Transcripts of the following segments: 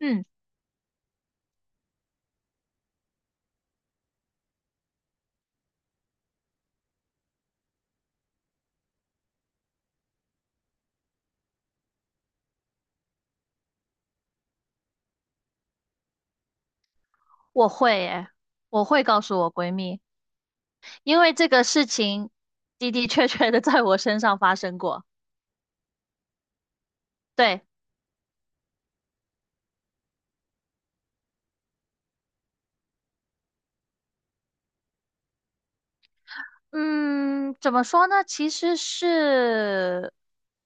嗯，我会耶，我会告诉我闺蜜，因为这个事情的的确确的在我身上发生过。对，嗯，怎么说呢？其实是，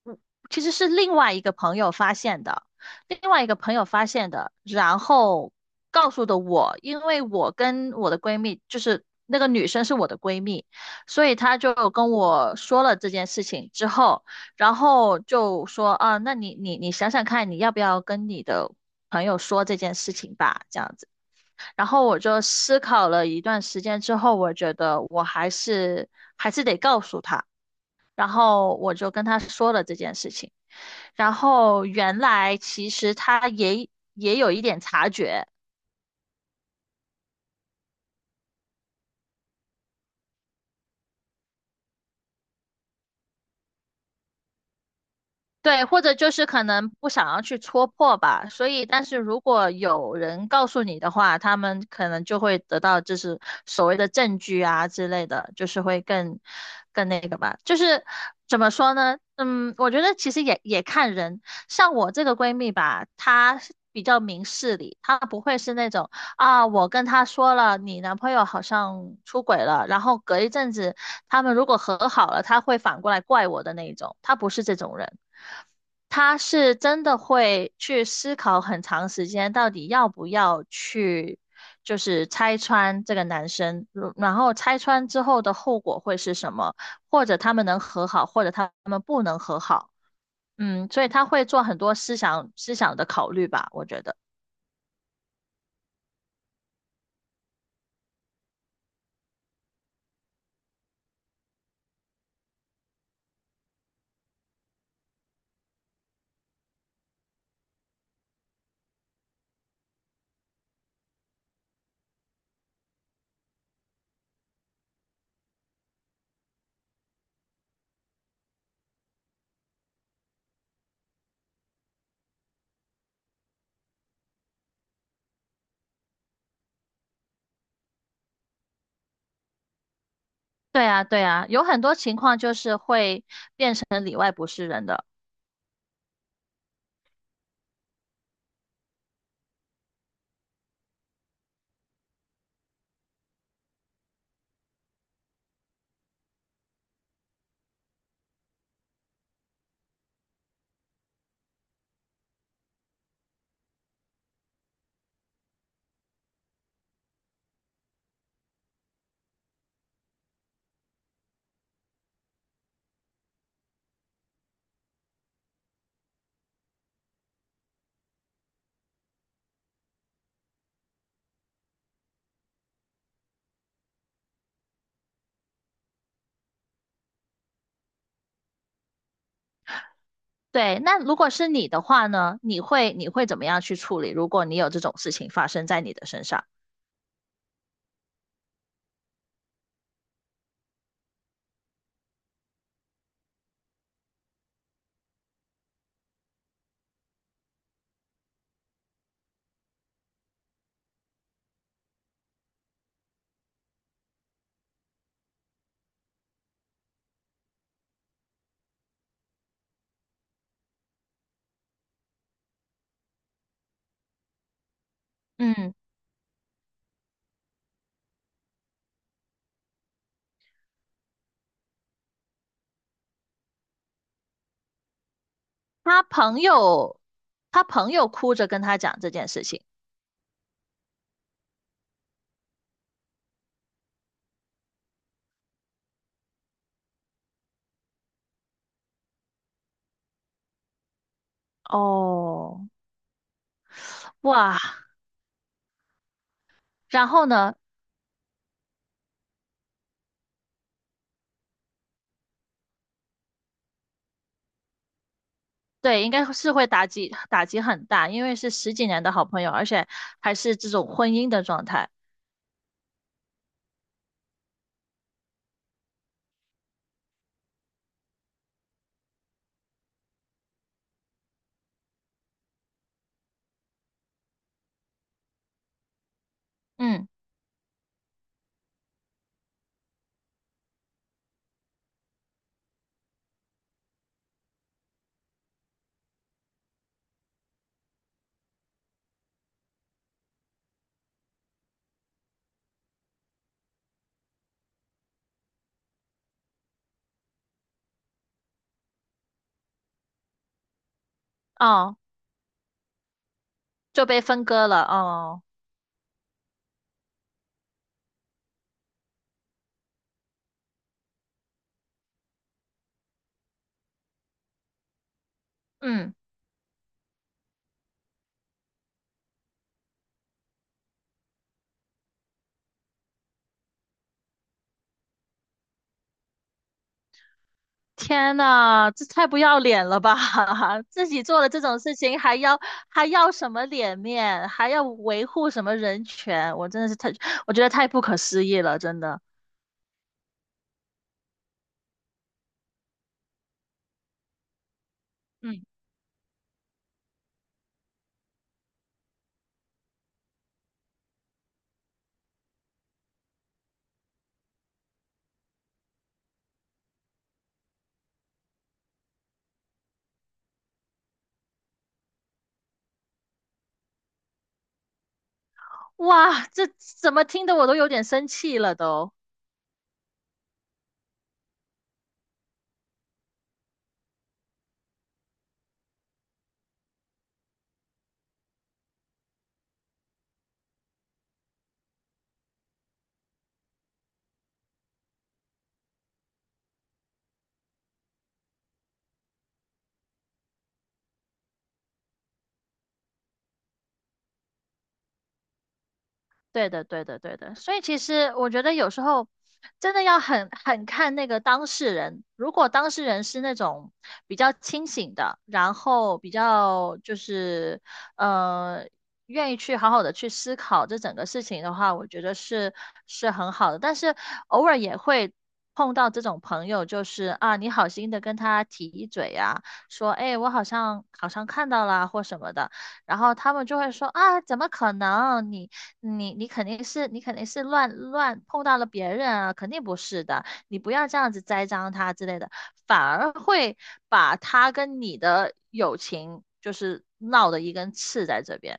嗯其实是另外一个朋友发现的，另外一个朋友发现的，然后告诉的我，因为我跟我的闺蜜，就是那个女生是我的闺蜜，所以她就跟我说了这件事情之后，然后就说啊，那你想想看，你要不要跟你的朋友说这件事情吧，这样子。然后我就思考了一段时间之后，我觉得我还是得告诉他，然后我就跟他说了这件事情。然后原来其实他也有一点察觉，对，或者就是可能不想要去戳破吧，所以，但是如果有人告诉你的话，他们可能就会得到就是所谓的证据啊之类的，就是会更那个吧。就是怎么说呢？嗯，我觉得其实也看人，像我这个闺蜜吧，她是比较明事理，她不会是那种啊，我跟她说了你男朋友好像出轨了，然后隔一阵子他们如果和好了，她会反过来怪我的那一种，她不是这种人。他是真的会去思考很长时间，到底要不要去，就是拆穿这个男生，然后拆穿之后的后果会是什么，或者他们能和好，或者他们不能和好。嗯，所以他会做很多思想的考虑吧，我觉得。对啊，对啊，有很多情况就是会变成里外不是人的。对，那如果是你的话呢，你会怎么样去处理？如果你有这种事情发生在你的身上，嗯。他朋友，他朋友哭着跟他讲这件事情，哦，哇，然后呢，对，应该是会打击很大，因为是十几年的好朋友，而且还是这种婚姻的状态，嗯，哦，就被分割了，哦，嗯，天呐，这太不要脸了吧！自己做了这种事情，还要什么脸面，还要维护什么人权？我真的是太，我觉得太不可思议了，真的。嗯。哇，这怎么听得我都有点生气了都。对的，对的，对的。所以其实我觉得有时候真的要很看那个当事人。如果当事人是那种比较清醒的，然后比较就是呃愿意去好好的去思考这整个事情的话，我觉得是很好的。但是偶尔也会碰到这种朋友，就是啊，你好心的跟他提一嘴呀，说哎，我好像看到啦或什么的。然后他们就会说啊，怎么可能？你肯定是乱碰到了别人啊，肯定不是的，你不要这样子栽赃他之类的，反而会把他跟你的友情就是闹的一根刺在这边。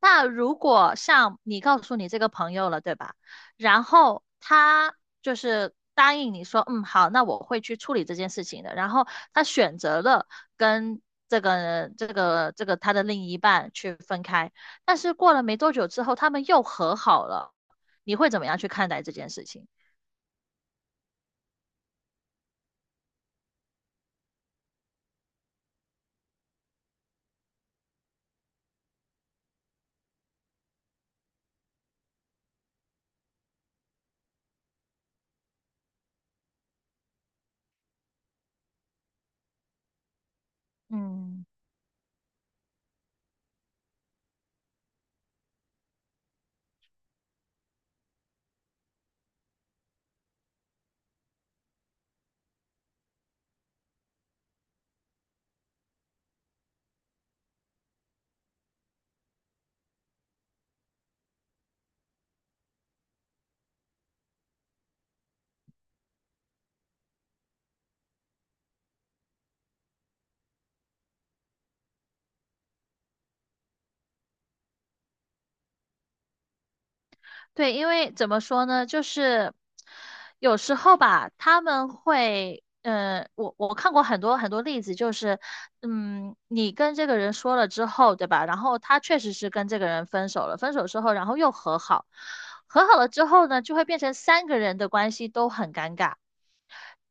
那如果像你告诉你这个朋友了，对吧？然后他就是答应你说，嗯，好，那我会去处理这件事情的。然后他选择了跟这个他的另一半去分开，但是过了没多久之后，他们又和好了。你会怎么样去看待这件事情？嗯。对，因为怎么说呢，就是有时候吧，他们会，呃，我看过很多例子，就是，嗯，你跟这个人说了之后，对吧？然后他确实是跟这个人分手了，分手之后，然后又和好，和好了之后呢，就会变成三个人的关系都很尴尬。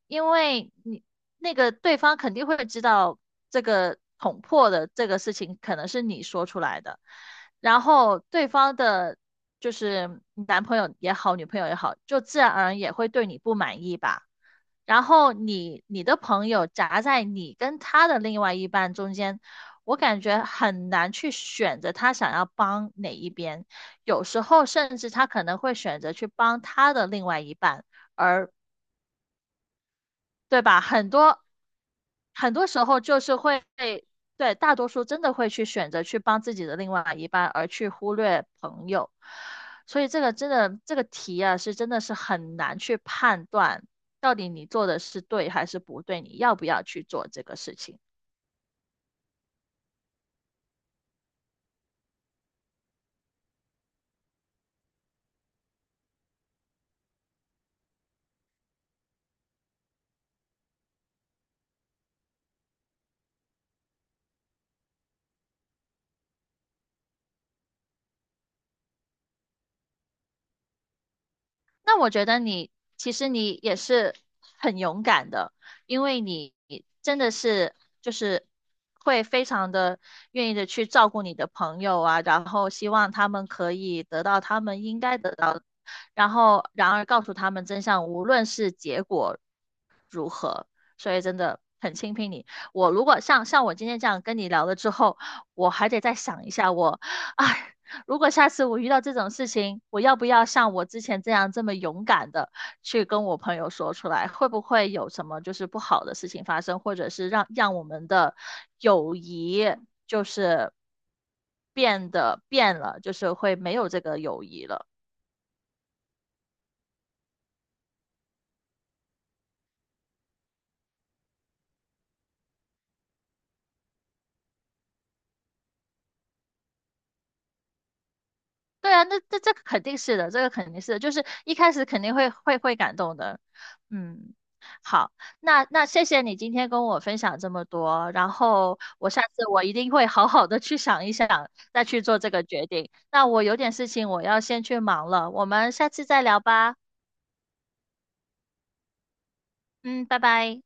因为你那个对方肯定会知道这个捅破的这个事情可能是你说出来的，然后对方的，就是男朋友也好，女朋友也好，就自然而然也会对你不满意吧。然后你的朋友夹在你跟他的另外一半中间，我感觉很难去选择他想要帮哪一边，有时候甚至他可能会选择去帮他的另外一半。而对吧？很多时候就是会，对，大多数真的会去选择去帮自己的另外一半，而去忽略朋友。所以这个真的，这个题啊，是真的是很难去判断到底你做的是对还是不对，你要不要去做这个事情。那我觉得你其实你也是很勇敢的，因为你真的是就是会非常的愿意的去照顾你的朋友啊，然后希望他们可以得到他们应该得到的然后然而告诉他们真相，无论是结果所以真的很钦佩你。我如果像我今天这样跟你聊了之后，我还得再想一下我，哎，如果下次我遇到这种事情，我要不要像我之前这样这么勇敢的去跟我朋友说出来？会不会有什么就是不好的事情发生，或者是让我们的友谊就是变了，就是会没有这个友谊了？对啊，那这个肯定是的，这个肯定是的，就是一开始肯定会感动的。嗯，好，那谢谢你今天跟我分享这么多，然后我下次我一定会好好的去想一想，再去做这个决定。那我有点事情我要先去忙了，我们下次再聊吧。嗯，拜拜。